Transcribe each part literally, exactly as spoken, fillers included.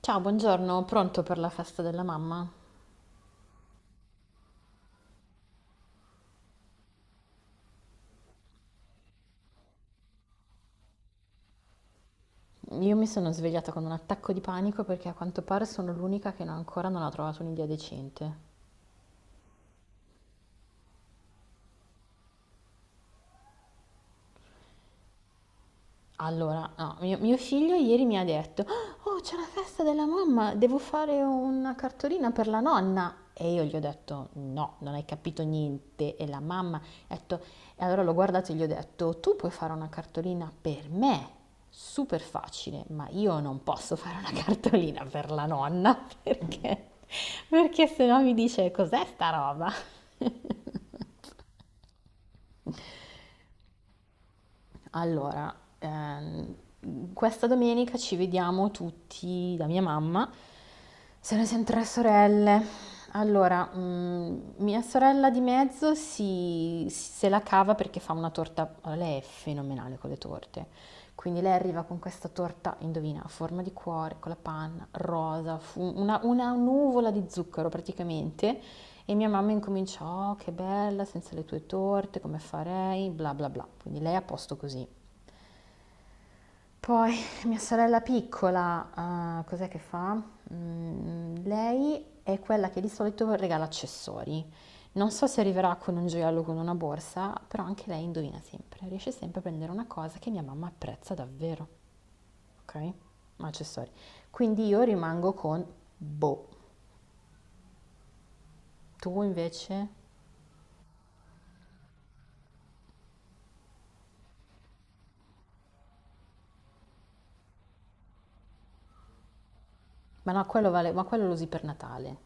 Ciao, buongiorno, pronto per la festa della mamma? Io mi sono svegliata con un attacco di panico perché a quanto pare sono l'unica che no- ancora non ha trovato un'idea decente. Allora, no, mio, mio figlio ieri mi ha detto, oh, c'è la festa della mamma, devo fare una cartolina per la nonna. E io gli ho detto, no, non hai capito niente. E la mamma ha detto, e allora l'ho guardato e gli ho detto, tu puoi fare una cartolina per me, super facile, ma io non posso fare una cartolina per la nonna, perché, perché se no mi dice, cos'è sta roba? Allora, ehm, questa domenica ci vediamo tutti da mia mamma, se ne sono tre sorelle. Allora, mm, mia sorella di mezzo si, se la cava perché fa una torta, allora, lei è fenomenale con le torte, quindi lei arriva con questa torta, indovina, a forma di cuore, con la panna, rosa, fu- una, una nuvola di zucchero praticamente, e mia mamma incomincia, oh che bella, senza le tue torte, come farei, bla bla bla, quindi lei è a posto così. Poi mia sorella piccola, uhm, cos'è che fa? Mhmm, lei è quella che di solito regala accessori. Non so se arriverà con un gioiello o con una borsa, però anche lei indovina sempre, riesce sempre a prendere una cosa che mia mamma apprezza davvero, okay, ma accessori. Quindi io rimango con boh. Tu invece? Ma no, quello vale ma quello lo usi per Natale.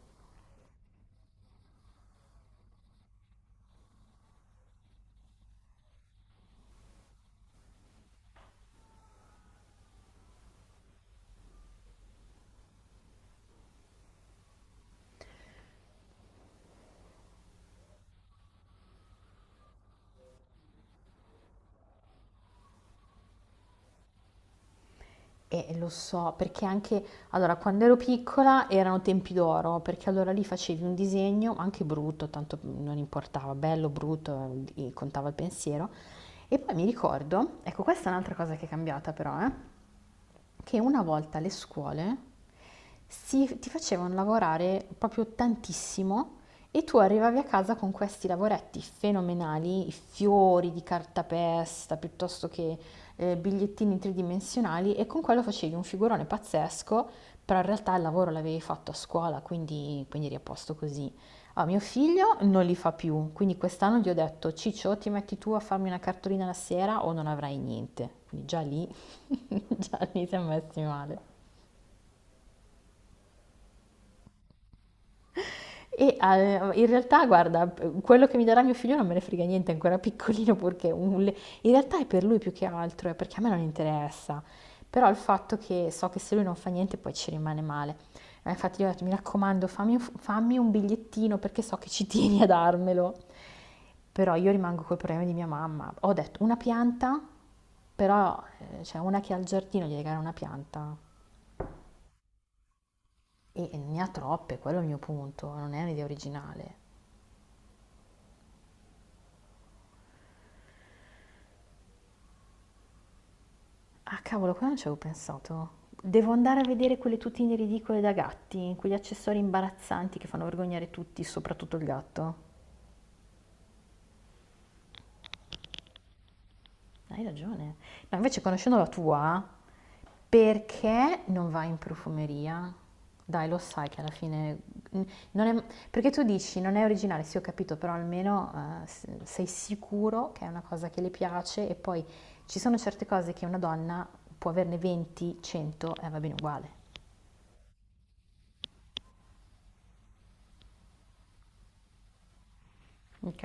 Eh, lo so, perché anche allora quando ero piccola erano tempi d'oro, perché allora lì facevi un disegno, anche brutto, tanto non importava, bello, brutto, eh, contava il pensiero. E poi mi ricordo, ecco, questa è un'altra cosa che è cambiata però, eh, che una volta le scuole si- ti facevano lavorare proprio tantissimo e tu arrivavi a casa con questi lavoretti fenomenali, i fiori di cartapesta piuttosto che eh, bigliettini tridimensionali e con quello facevi un figurone pazzesco, però in realtà il lavoro l'avevi fatto a scuola, quindi, quindi eri a posto così. Ah, mio figlio non li fa più, quindi quest'anno gli ho detto, Ciccio, ti metti tu a farmi una cartolina la sera o non avrai niente. Quindi già lì, già lì siamo messi male. E eh, in realtà, guarda, quello che mi darà mio figlio non me ne frega niente, è ancora piccolino, perché un- le- in realtà è per lui più che altro, è perché a me non interessa. Però il fatto che so che se lui non fa niente poi ci rimane male. Eh, infatti gli ho detto, mi raccomando, fammi un, fammi un bigliettino perché so che ci tieni a darmelo. Però io rimango col problema di mia mamma. Ho detto una pianta, però eh, c'è cioè una che ha il giardino, gli regala una pianta. E ne ha troppe, quello è il mio punto, non è un'idea originale. Ah, cavolo, qua non ci avevo pensato. Devo andare a vedere quelle tutine ridicole da gatti, quegli accessori imbarazzanti che fanno vergognare tutti, soprattutto il gatto. Hai ragione. No, invece conoscendo la tua, perché non vai in profumeria? Dai, lo sai che alla fine... mm, non è- perché tu dici non è originale, sì ho capito, però almeno eh, s- sei sicuro che è una cosa che le piace e poi ci sono certe cose che una donna può averne venti, cento e eh, va bene uguale. Ok?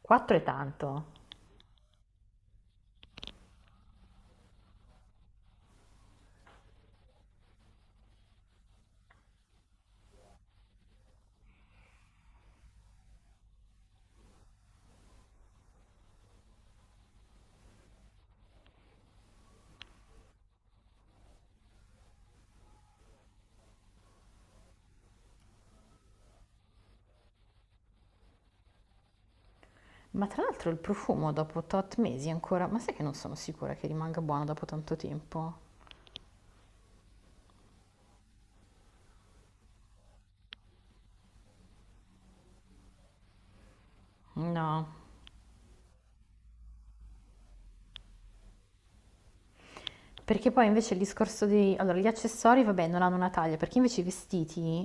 quattro è tanto. Ma tra l'altro il profumo dopo tot mesi ancora, ma sai che non sono sicura che rimanga buono dopo tanto tempo? No, Perché poi invece il discorso di... Allora, gli accessori, vabbè, non hanno una taglia, perché invece i vestiti,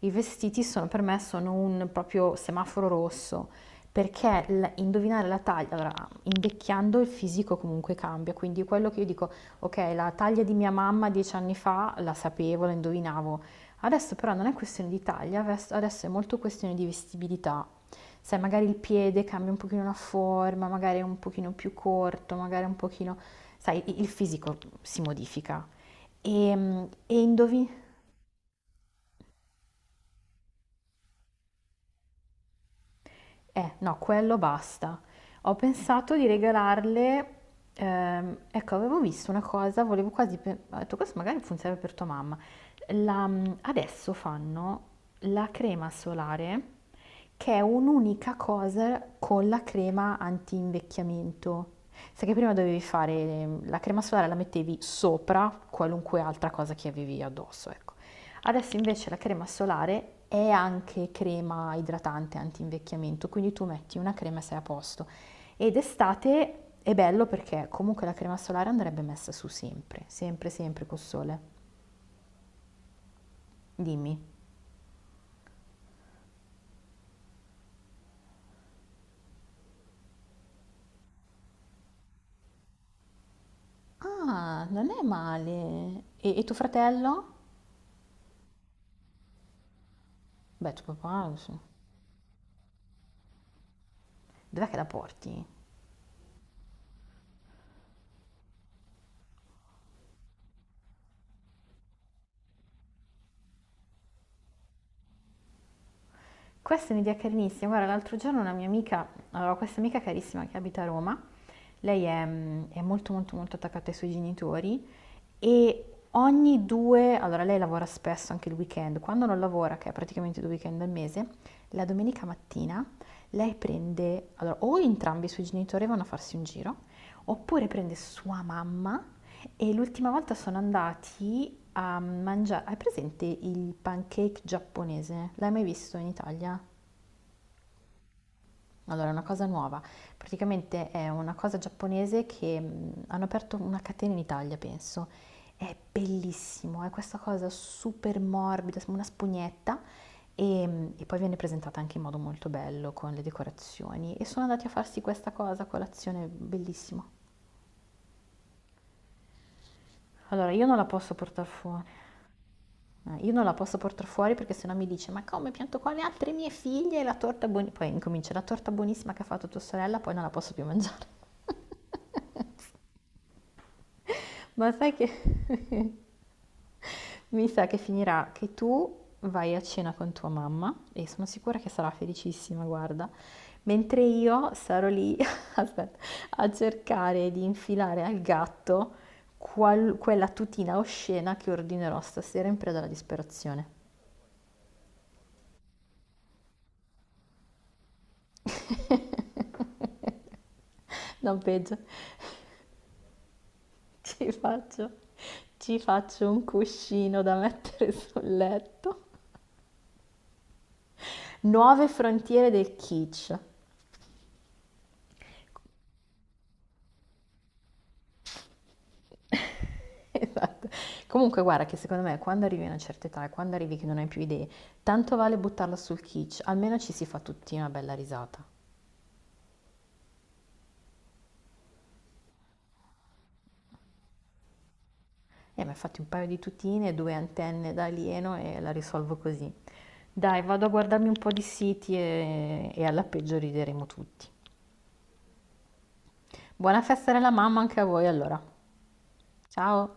i vestiti sono per me sono un proprio semaforo rosso, perché l- indovinare la taglia, allora, invecchiando il fisico comunque cambia, quindi quello che io dico, ok, la taglia di mia mamma dieci anni fa la sapevo, la indovinavo, adesso però non è questione di taglia, ves- adesso è molto questione di vestibilità, sai, magari il piede cambia un pochino la forma, magari è un pochino più corto, magari un pochino, sai, il fisico si modifica. E, e indovin- Eh, no, quello basta. Ho pensato di regalarle, ehm, ecco, avevo visto una cosa, volevo quasi, pe- ho detto questo magari funziona per tua mamma. La- Adesso fanno la crema solare, che è un'unica cosa con la crema anti-invecchiamento. Sai che prima dovevi fare la crema solare, la mettevi sopra qualunque altra cosa che avevi addosso, ecco. Adesso invece la crema solare è anche crema idratante antinvecchiamento, quindi tu metti una crema e sei a posto. Ed estate è bello perché comunque la crema solare andrebbe messa su sempre, sempre, sempre col sole. Dimmi. Ah, non è male. E, e tuo fratello? Beh, tuo papà, non so. Dov'è che la porti? Questa è un'idea carinissima. Guarda, l'altro giorno una mia amica, allora, ho questa amica carissima che abita a Roma, lei è, mm, è molto molto molto attaccata ai suoi genitori e ogni due, allora lei lavora spesso anche il weekend, quando non lavora, che è praticamente due weekend al mese, la domenica mattina lei prende, allora o entrambi i suoi genitori vanno a farsi un giro, oppure prende sua mamma e l'ultima volta sono andati a mangiare, hai presente il pancake giapponese? L'hai mai visto in Italia? Allora, è una cosa nuova. Praticamente è una cosa giapponese che mh, hanno aperto una catena in Italia, penso. È bellissimo, è questa cosa super morbida, sembra una spugnetta e, mh, e poi viene presentata anche in modo molto bello con le decorazioni. E sono andati a farsi questa cosa a colazione, bellissimo. Allora, io non la posso portare fuori. Eh, Io non la posso portare fuori perché sennò mi dice: ma come pianto qua le altre mie figlie e la torta buonissima? Poi incomincia la torta buonissima che ha fatto tua sorella, poi non la posso più mangiare. Ma sai che mi sa che finirà che tu vai a cena con tua mamma e sono sicura che sarà felicissima, guarda, mentre io sarò lì, aspetta, a cercare di infilare al gatto qual- quella tutina oscena che ordinerò stasera in preda alla disperazione. No, peggio, ci faccio, ci faccio un cuscino da mettere sul letto. Nuove frontiere del kitsch. Esatto. Comunque guarda che secondo me quando arrivi a una certa età e quando arrivi che non hai più idee, tanto vale buttarla sul kitsch, almeno ci si fa tutti una bella risata. E mi ha fatto un paio di tutine, due antenne da alieno e la risolvo così. Dai, vado a guardarmi un po' di siti e, e alla peggio rideremo tutti. Buona festa della mamma anche a voi allora. Ciao!